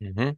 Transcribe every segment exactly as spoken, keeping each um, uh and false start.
Mhm,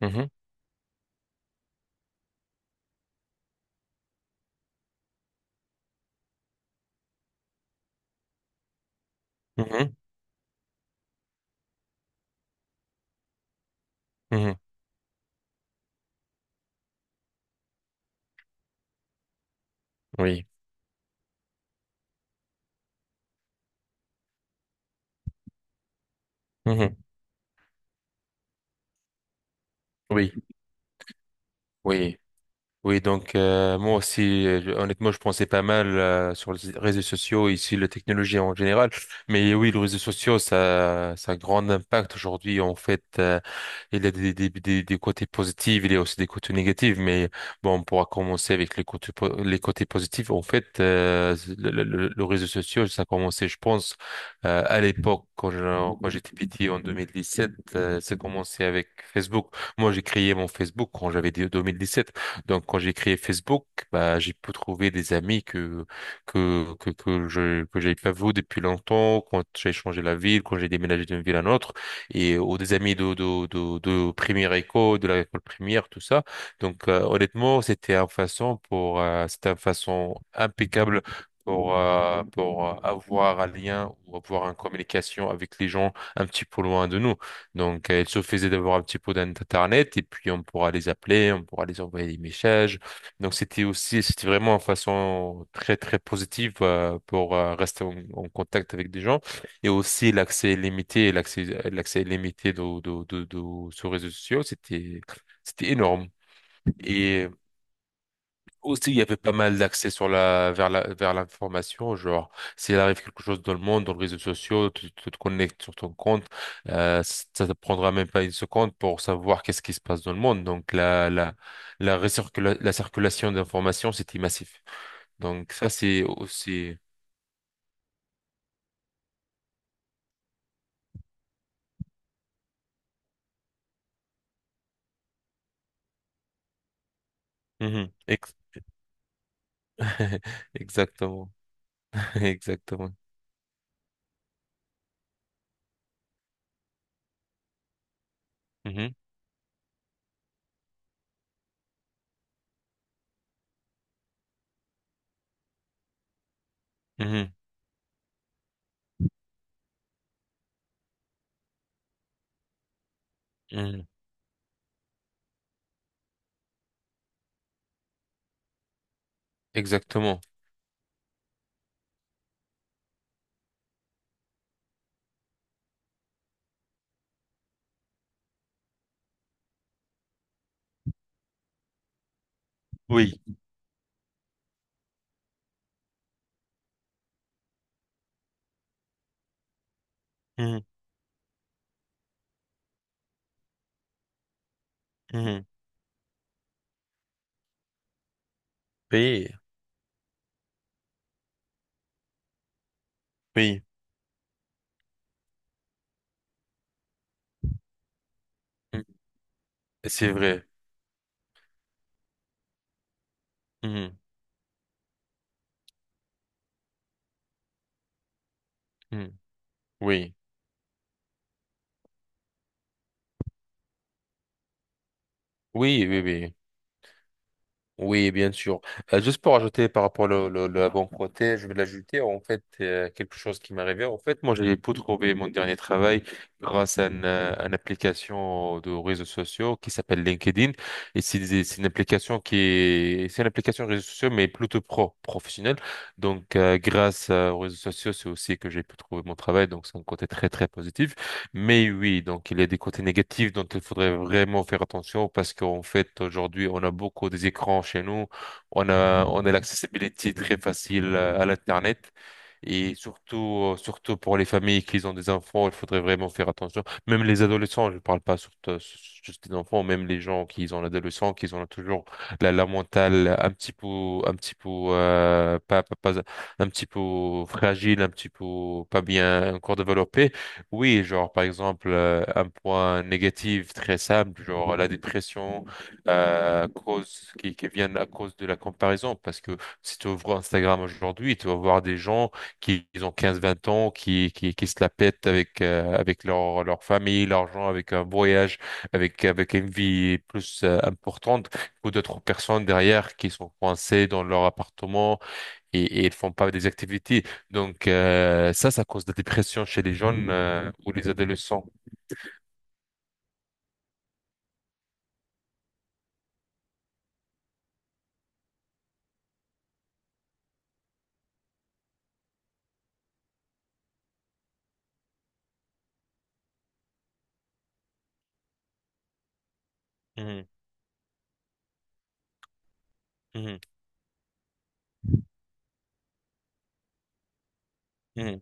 mhm, mhm, mhm. Oui, mhm, oui, oui. Oui, donc euh, moi aussi, euh, je- honnêtement, je pensais pas mal euh, sur les réseaux sociaux, ici, la technologie en général. Mais oui, les réseaux sociaux, ça, ça a un grand impact aujourd'hui. En fait, euh, il y a des, des, des, des côtés positifs, il y a aussi des côtés négatifs. Mais bon, on pourra commencer avec les côtés, po- les côtés positifs. En fait, euh, le, le, le- le réseau social, ça a commencé, je pense, euh, à l'époque, quand je- quand j'étais petit, en deux mille dix-sept, euh, ça a commencé avec Facebook. Moi, j'ai créé mon Facebook quand j'avais deux mille dix-sept. Donc, quand j'ai créé Facebook, bah, j'ai pu trouver des amis que, que, que, que je, que j'avais pas vu depuis longtemps, quand j'ai changé la ville, quand j'ai déménagé d'une ville à une autre, et, ou des amis de, de, de, de première école, de l'école primaire, tout ça. Donc, euh, honnêtement, c'était une façon pour, euh, c'était une façon impeccable pour, euh, pour euh, avoir un lien ou avoir une communication avec les gens un petit peu loin de nous. Donc, euh, il suffisait d'avoir un petit peu d'internet et puis on pourra les appeler, on pourra les envoyer des messages. Donc, c'était aussi, c'était vraiment une façon très, très positive euh, pour euh, rester en, en contact avec des gens. Et aussi, l'accès limité, l'accès, l'accès limité de, de, de, de, sur les réseaux sociaux, c'était, c'était énorme. Et aussi, il y avait pas mal d'accès sur la, vers la, vers l'information, genre, s'il arrive quelque chose dans le monde, dans les réseaux sociaux, tu, tu te connectes sur ton compte, euh, ça te prendra même pas une seconde pour savoir qu'est-ce qui se passe dans le monde. Donc, la, la, la, recircula- la circulation d'informations, c'était massif. Donc, ça, c'est aussi. Mhm. Ex- Exactement. Exactement. Mhm. Mhm. Mhm. Exactement. Oui. Mhm. Mhm. Oui. Oui. Mhm. C'est vrai. Mhm. Mhm. Oui. Oui, oui, oui. Oui, bien sûr. Euh, juste pour ajouter par rapport au, le, le bon côté, je vais l'ajouter en fait euh, quelque chose qui m'est arrivé. En fait, moi, j'ai pu trouver mon dernier travail grâce à une, euh, à une application de réseaux sociaux qui s'appelle LinkedIn. Et c'est des- c'est une application qui est, c'est une application de réseaux sociaux, mais plutôt pro, professionnelle. Donc, euh, grâce euh, aux réseaux sociaux, c'est aussi que j'ai pu trouver mon travail. Donc, c'est un côté très, très positif. Mais oui, donc il y a des côtés négatifs dont il faudrait vraiment faire attention parce qu'en fait, aujourd'hui, on a beaucoup des écrans chez nous. On a, on a l'accessibilité très facile euh, à l'Internet. Et surtout, euh, surtout pour les familles qui ont des enfants, il faudrait vraiment faire attention. Même les adolescents, je ne parle pas surtout juste des enfants, même les gens qui ont l'adolescent, qui ont toujours la, la mentale un petit peu, un petit peu, euh, pas, pas, pas- un petit peu fragile, un petit peu pas bien encore développée. Oui, genre par exemple euh, un point négatif très simple, genre la dépression euh, à cause qui, qui viennent à cause de la comparaison, parce que si tu ouvres Instagram aujourd'hui, tu vas voir des gens qui ils ont quinze vingt ans, qui, qui qui se la pètent avec euh, avec leur leur famille, l'argent, avec un voyage, avec avec une vie plus euh, importante que d'autres personnes derrière qui sont coincées dans leur appartement et, et ils font pas des activités. Donc euh, ça, ça cause de la dépression chez les jeunes euh, ou les adolescents. Mhm, mhm, mhm,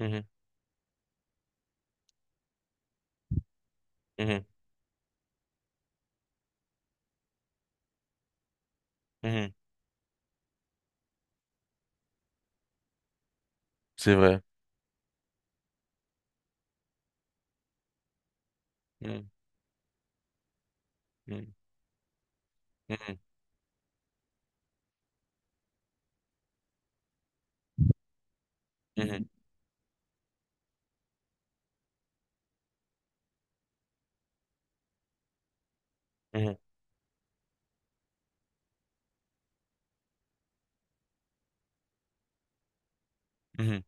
mhm, mhm, mhm, mhm. C'est vrai. Mhm, mhm, mhm, mhm, mhm, mhm,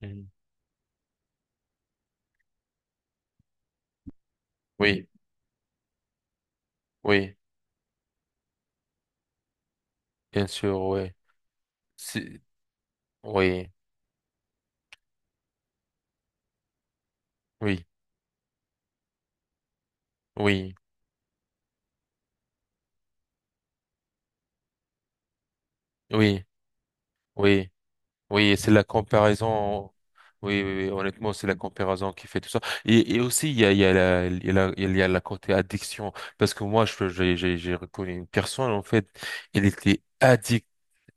mhm. Oui, oui, bien sûr, oui. C'est- Oui, oui, oui, oui, oui. Oui, c'est la comparaison. Oui, oui, oui, honnêtement, c'est la comparaison qui fait tout ça. Et, et aussi, il y a, il y a la, il y a la, il y a la côté addiction. Parce que moi, je, j'ai, j'ai j'ai reconnu une personne, en fait, elle était addicte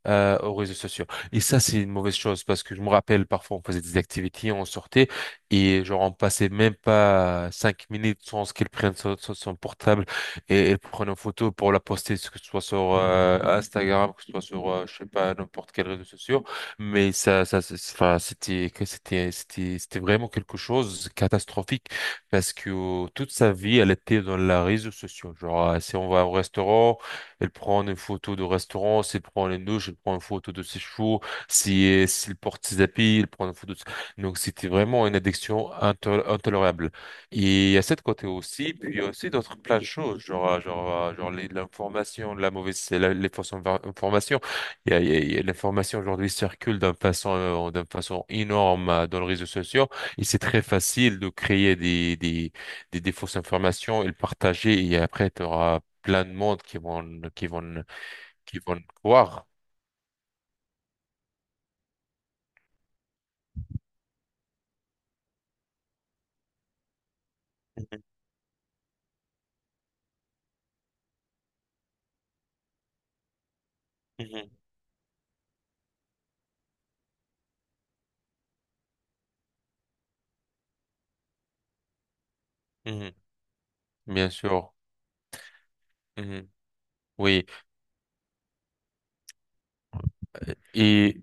euh, aux réseaux sociaux. Et ça, c'est une mauvaise chose parce que je me rappelle, parfois, on faisait des activités, on sortait et genre, on passait même pas cinq minutes sans qu'elle prenne son, son- son portable et elle prenne une photo pour la poster, que ce soit sur euh, Instagram, que ce soit sur, euh, je sais pas, n'importe quel réseau social. Mais ça, ça, c'est- c'est- enfin, c'était, que c'était, c'était, c'était vraiment quelque chose de catastrophique parce que euh, toute sa vie, elle était dans les réseaux sociaux. Genre, euh, si on va au restaurant, elle prend une photo de restaurant, elle prend une douche, elle prend une photo de ses chevaux, si, s'il porte ses habits, elle prend une photo de. Donc c'était vraiment une addiction intol- intolérable. Et il y a cette côté aussi, puis il y a aussi d'autres plein de choses, genre, euh, genre, euh, genre les- l'information, la mauvaise, la- les fausses infor- informations. Il y a, il y a- il y a- l'information aujourd'hui circule d'une façon, euh, d'une façon énorme euh, dans les réseaux sociaux et c'est très facile de créer des, des, des, des fausses informations et le partager et après tu plein de monde qui vont, qui vont, qui vont croire. Mhm, mhm, mhm. Bien sûr. Mhm. Oui. Et,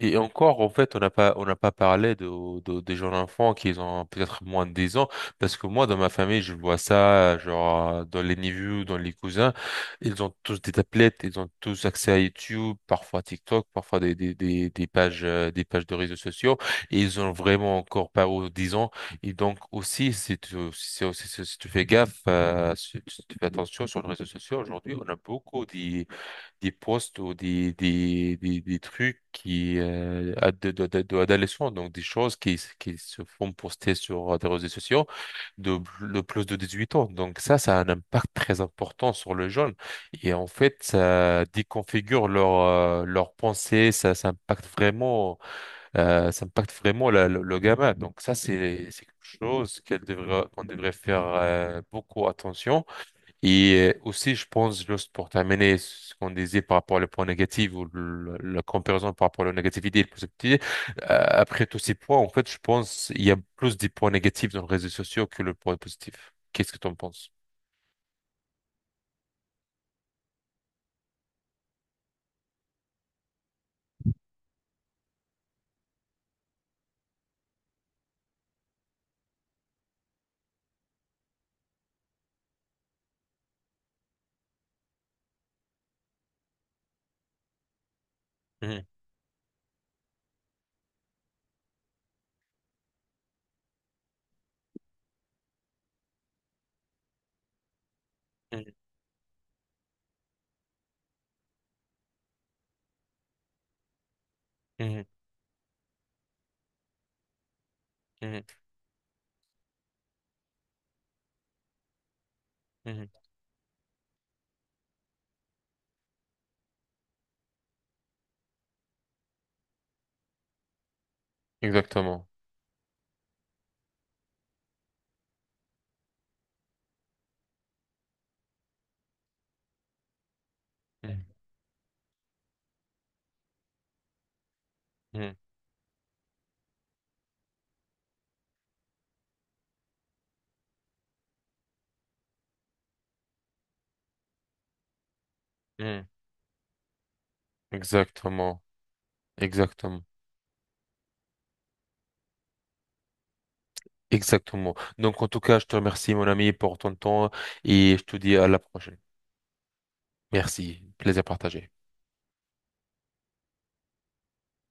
Et encore, en fait, on n'a pas, on n'a pas parlé de, de- des jeunes enfants qui ont peut-être moins de dix ans, parce que moi, dans ma famille, je vois ça, genre, euh, dans les neveux, dans les cousins, ils ont tous des tablettes, ils ont tous accès à YouTube, parfois TikTok, parfois des, des, des, des pages, euh, des pages de réseaux sociaux, et ils ont vraiment encore pas aux dix ans. Et donc, aussi, si tu, si, si- si si tu fais gaffe, euh, si tu si tu fais attention sur les réseaux sociaux, aujourd'hui, on a beaucoup des posts ou des, des, des, des trucs qui euh, ad- de- de- de- d'adolescents, donc des choses qui, s- qui se font poster sur des réseaux sociaux de, pl- de plus de dix-huit ans. Donc ça, ça a un impact très important sur le jeune. Et en fait, ça déconfigure leur, euh, leur pensée, ça, ça impacte vraiment, euh, ça impacte vraiment la- le, le gamin. Donc ça, c'est, c'est quelque chose qu'elle devrait, qu'on devrait faire euh, beaucoup attention et euh, aussi, je pense, juste pour terminer ce qu'on disait par rapport au point négatif ou le- la comparaison par rapport à la négativité et la positivité, euh, après tous ces points, en fait, je pense qu'il y a plus des points négatifs dans les réseaux sociaux que le point positif. Qu'est-ce que tu en penses? Mhm, mhm, mhm, mhm, mhm. Exactement. Mhm, mhm, mhm. Exactement. Exactement. Exactement. Donc, en tout cas, je te remercie, mon ami, pour ton temps et je te dis à la prochaine. Merci. Plaisir partagé.